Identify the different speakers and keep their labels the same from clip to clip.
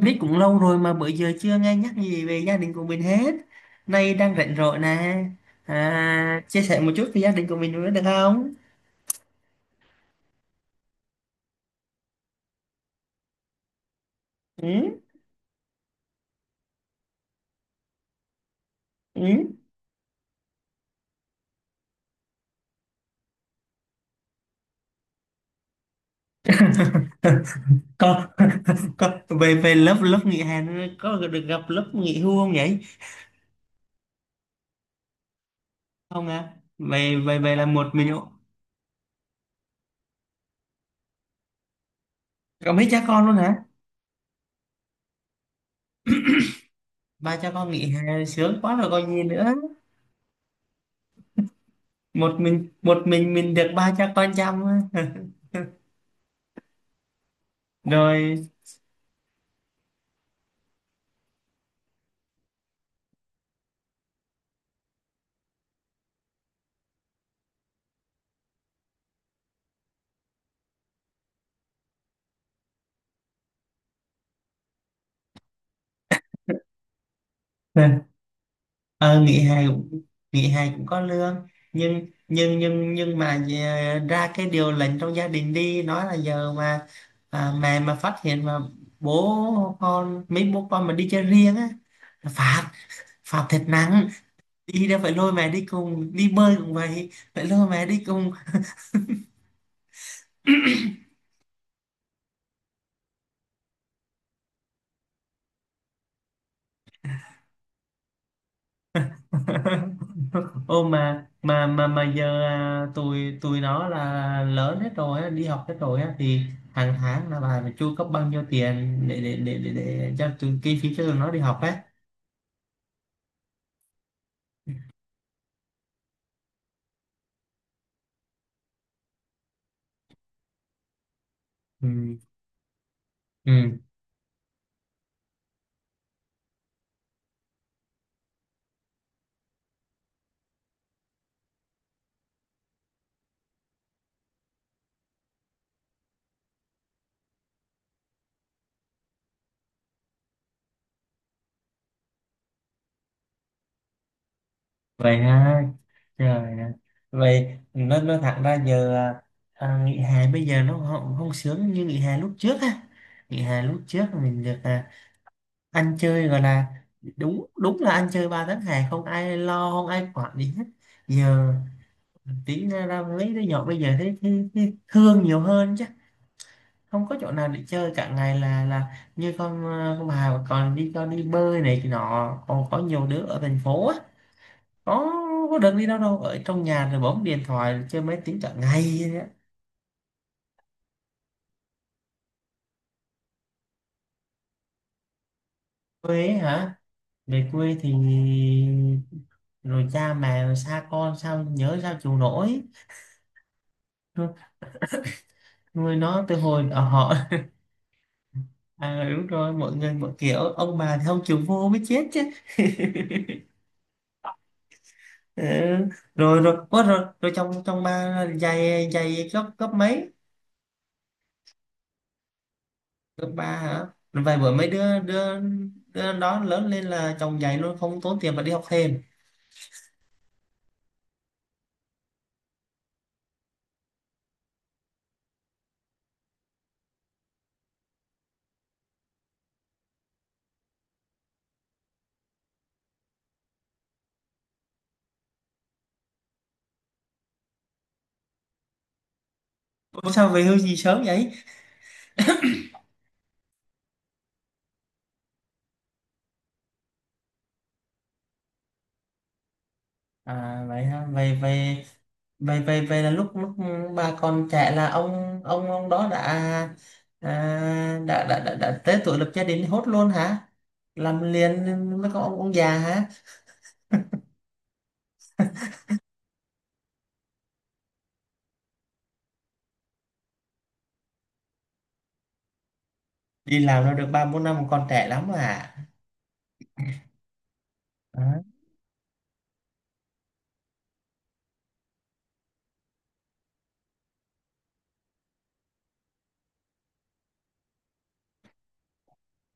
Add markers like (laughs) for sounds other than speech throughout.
Speaker 1: Biết cũng lâu rồi mà bữa giờ chưa nghe nhắc gì về gia đình của mình hết. Nay đang rảnh rỗi nè. À, chia sẻ một chút về gia đình của mình nữa được không? Ừ, ừ. Còn, còn, về về lớp lớp nghỉ hè nữa, có được gặp lớp nghỉ hưu không nhỉ? Không à, về về về là một mình ạ. Có mấy cha con luôn hả? Ba cha con nghỉ hè sướng quá rồi còn gì nữa. Một mình mình được ba cha con chăm. (laughs) Rồi. Ờ, Nghỉ hè cũng. Nghỉ hè cũng có lương. Nhưng mà, ra cái điều lệnh trong gia đình đi nói là giờ mà, mẹ mà phát hiện mà bố con mấy bố con mà đi chơi riêng á là phạt, phạt thật nặng. Đi đâu phải lôi mẹ đi cùng, đi bơi cũng vậy, phải lôi mẹ đi cùng. (laughs) Ô, mà giờ tụi tụi nó là lớn hết rồi á, đi học hết rồi á, thì hàng tháng là bà phải chu cấp bao nhiêu tiền để cho tụi, kinh phí cho tụi nó đi học á. Ừ. Ừ. Vậy ha, trời ạ. Vậy nó thẳng ra giờ, nghỉ hè bây giờ nó không không sướng như nghỉ hè lúc trước á. Nghỉ hè lúc trước mình được ăn chơi gọi là, đúng đúng là ăn chơi, ba tháng hè không ai lo không ai quản gì hết. Giờ tí ra ra mấy đứa nhỏ bây giờ thấy thương nhiều hơn chứ. Không có chỗ nào để chơi cả ngày, là như con con Hà mà còn đi cho đi bơi này kia nọ, còn có nhiều đứa ở thành phố á. Có có được đi đâu, đâu ở trong nhà rồi bấm điện thoại chơi máy tính cả ngày vậy á. Quê ấy hả? Về quê thì rồi cha mẹ xa con sao nhớ sao chịu nổi. Nuôi nuôi nó từ hồi ở họ. (laughs) Đúng rồi, mọi người mọi kiểu, ông bà thì không chịu vô mới chết chứ. (laughs) Ừ. Rồi rồi, ủa, rồi rồi trong trong ba dạy dạy cấp cấp mấy? Cấp ba hả? Rồi vài bữa mấy đứa đứa đứa đó lớn lên là chồng dạy luôn, không tốn tiền mà đi học thêm. Ủa sao về hưu gì sớm vậy? À vậy ha, vậy vậy vậy vậy vậy là lúc lúc bà còn trẻ là ông đó đã à, đã, đã tới tuổi lập gia đình, hốt luôn hả? Làm liền mới có ông già hả? Đi làm nó được ba bốn năm còn trẻ lắm à?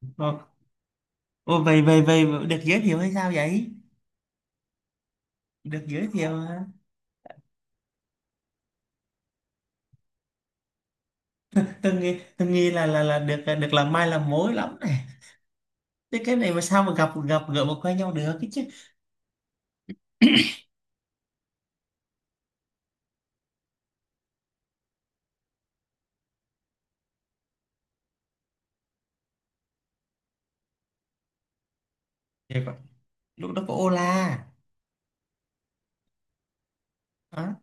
Speaker 1: Đó. Ô vậy vậy vậy được giới thiệu hay sao vậy? Được giới thiệu hả? Tôi nghĩ là được được làm mai làm mối lắm này. Thế cái này mà sao mà gặp gặp gỡ mà quen nhau được cái chứ? Thì có- Lúc đó có Ola. Đó.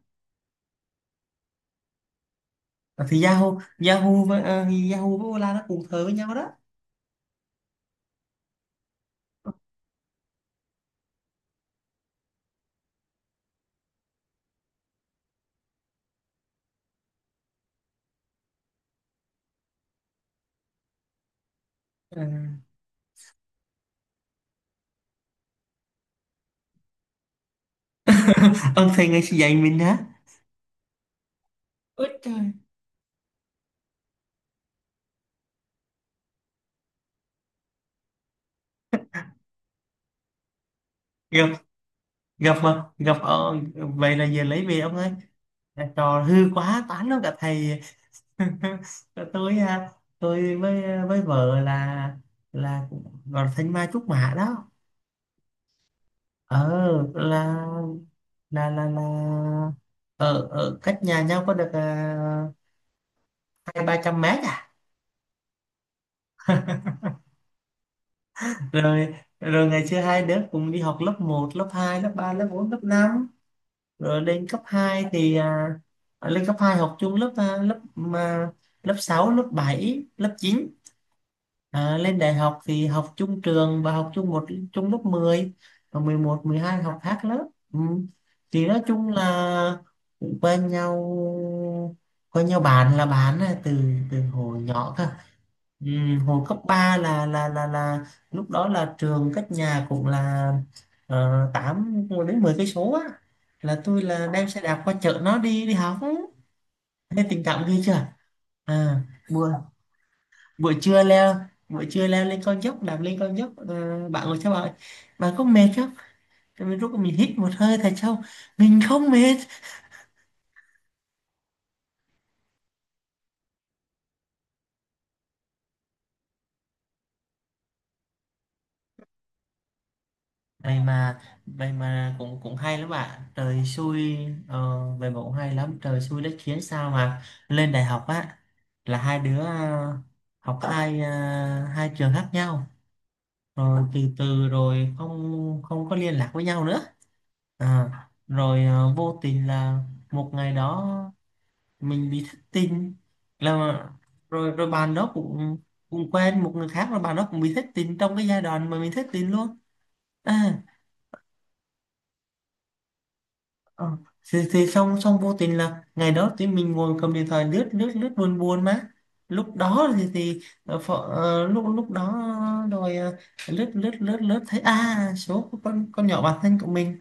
Speaker 1: À, thì Yahoo Yahoo với ờ, Yahoo với Ola nó cùng thời với nhau đó. Ừ. (laughs) Ông thầy ngày dạy mình hả? Ôi trời. Gặp gặp mà gặp ờ, Vậy là giờ lấy về ông ơi. À, trò hư quá tán luôn cả thầy. (laughs) tôi à, tôi với vợ là cũng gọi là thanh mai trúc mã đó. ờ là là ở ở cách nhà nhau có được hai ba trăm mét à. Rồi rồi ngày xưa hai đứa cùng đi học lớp một lớp 2 lớp 3 lớp 4 lớp năm, rồi lên cấp 2 thì, lên cấp 2 học chung lớp, lớp lớp 6 lớp 7 lớp chín. À, lên đại học thì học chung trường và học chung, chung lớp 10 và 11, 12 học khác lớp. Ừ. Thì nói chung là quen nhau quen nhau, bạn là bạn á, từ từ hồi nhỏ cơ. Ừ. Hồi cấp 3 là lúc đó là trường cách nhà cũng là 8 đến 10 cây số á, là tôi đem xe đạp qua chợ nó đi đi học á. Nên tình cảm ghê chưa? à, bữa buổi trưa leo buổi trưa leo lên con dốc, đạp lên con dốc, bạn ngồi theo, bạn bạn có mệt không? Rồi mình rút mình hít một hơi thật sâu, mình không mệt. Vậy mà cũng cũng hay lắm bạn, trời xui. ờ, Vậy mà cũng hay lắm, trời xui đất khiến sao mà lên đại học á là hai đứa học hai trường khác nhau, rồi từ từ rồi không không có liên lạc với nhau nữa. à, Rồi vô tình là một ngày đó mình bị thất tình, là rồi rồi bạn đó cũng cũng quen một người khác, rồi bạn đó cũng bị thất tình trong cái giai đoạn mà mình thất tình luôn. À. Ờ. thì xong xong vô tình là ngày đó tụi mình ngồi cầm điện thoại lướt lướt lướt, buồn buồn mà. Lúc đó thì ờ, phở, ờ, lúc lúc đó. Rồi lướt lướt lướt lướt thấy à số của con nhỏ bạn thân của mình.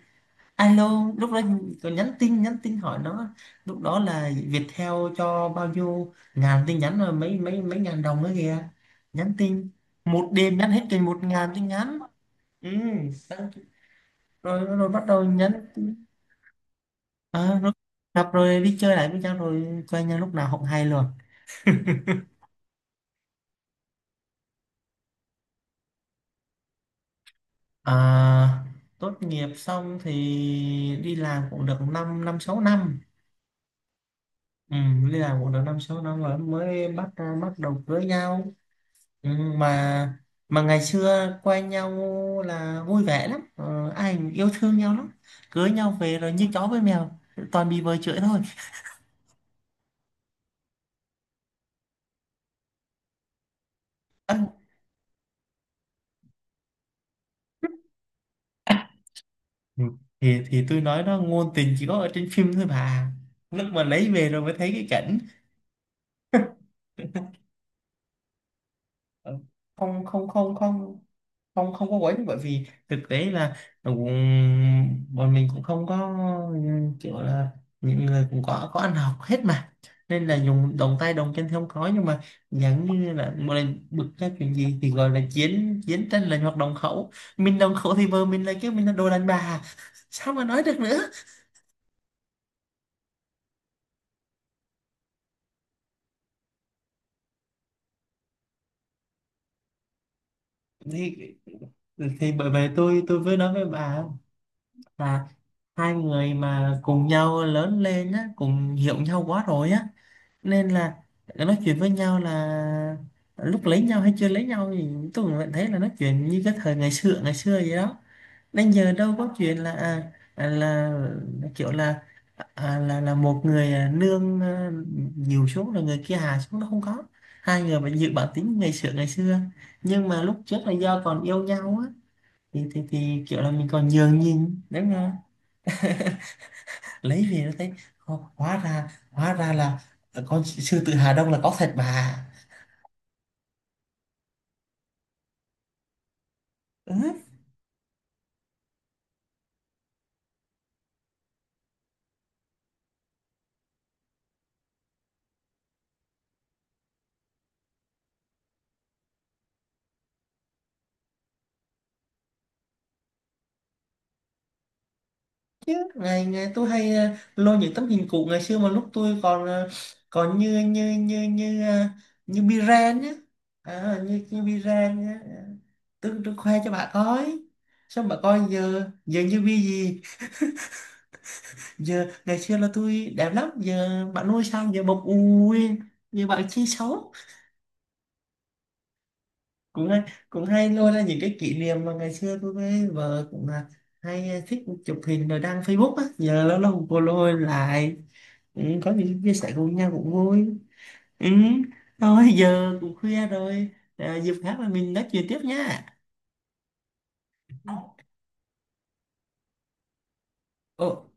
Speaker 1: Alo lúc đó còn nhắn tin hỏi nó, lúc đó là Viettel cho bao nhiêu ngàn tin nhắn rồi mấy mấy mấy ngàn đồng nữa kìa. Nhắn tin một đêm nhắn hết chừng 1.000 tin nhắn. Ừ. Xong rồi rồi bắt đầu nhắn tin. Ờ, rồi gặp rồi đi chơi lại với nhau, rồi quen nhau lúc nào không hay luôn. à, Tốt nghiệp xong thì đi làm cũng được 5 năm năm sáu năm. Ừ, đi làm cũng được 5 6 năm rồi mới bắt bắt đầu cưới nhau. Ừ, mà mà ngày xưa quen nhau là vui vẻ lắm, ai cũng yêu thương nhau lắm. Cưới nhau về rồi như chó với mèo, toàn bị vợ chửi thôi. Ân. Ừ, thì tôi nói đó, ngôn tình chỉ có ở trên phim thôi bà, lúc mà lấy về rồi mới thấy cái cảnh. Ờ, không, không có quấy, bởi vì thực tế là cũng, bọn mình cũng không có kiểu là, những người cũng có ăn học hết mà, nên là dùng động tay động chân thì không có, nhưng mà giống như là một lần bực ra chuyện gì thì gọi là chiến chiến tranh lành hoặc đồng khẩu. Mình đồng khẩu thì vợ mình là kêu mình là đồ đàn bà, sao mà nói được nữa. Thì thì bởi vậy tôi mới nói với bà là hai người mà cùng nhau lớn lên á, cùng hiểu nhau quá rồi á, nên là nói chuyện với nhau là lúc lấy nhau hay chưa lấy nhau thì tôi cũng vẫn thấy là nói chuyện như cái thời ngày xưa vậy đó, đến giờ đâu có chuyện là kiểu là là một người nương nhiều xuống rồi người kia hạ xuống, nó không có. Hai người vẫn giữ bản tính ngày xưa ngày xưa, nhưng mà lúc trước là do còn yêu nhau á thì thì kiểu là mình còn nhường nhịn đúng không? (laughs) Lấy về nó thấy hóa ra là con sư tử Hà Đông là có thật bà. Ừ. Ngày ngày tôi hay lôi những tấm hình cũ ngày xưa mà lúc tôi còn còn như như như như ờ, như Biren nhá. À, như như Biren nhá. Tôi khoe cho bà coi, xong bà coi giờ giờ như bi gì. Giờ ngày xưa là tôi đẹp lắm, giờ bạn nuôi sao giờ bọc ui, giờ bạn chi xấu. Cũng hay cũng hay lôi ra những cái kỷ niệm mà ngày xưa tôi với vợ cũng là hay thích chụp hình rồi đăng Facebook á, giờ lâu lâu cô lôi lại. Ừ, có những chia sẻ cùng nhau cũng vui. Ừ. Thôi giờ cũng khuya rồi, dịp khác là mình nói chuyện tiếp nha. Ồ,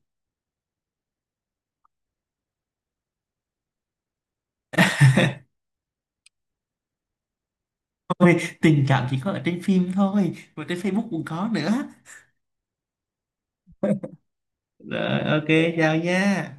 Speaker 1: tình cảm chỉ có ở trên phim thôi mà trên Facebook cũng có nữa. Rồi ok. Chào nha.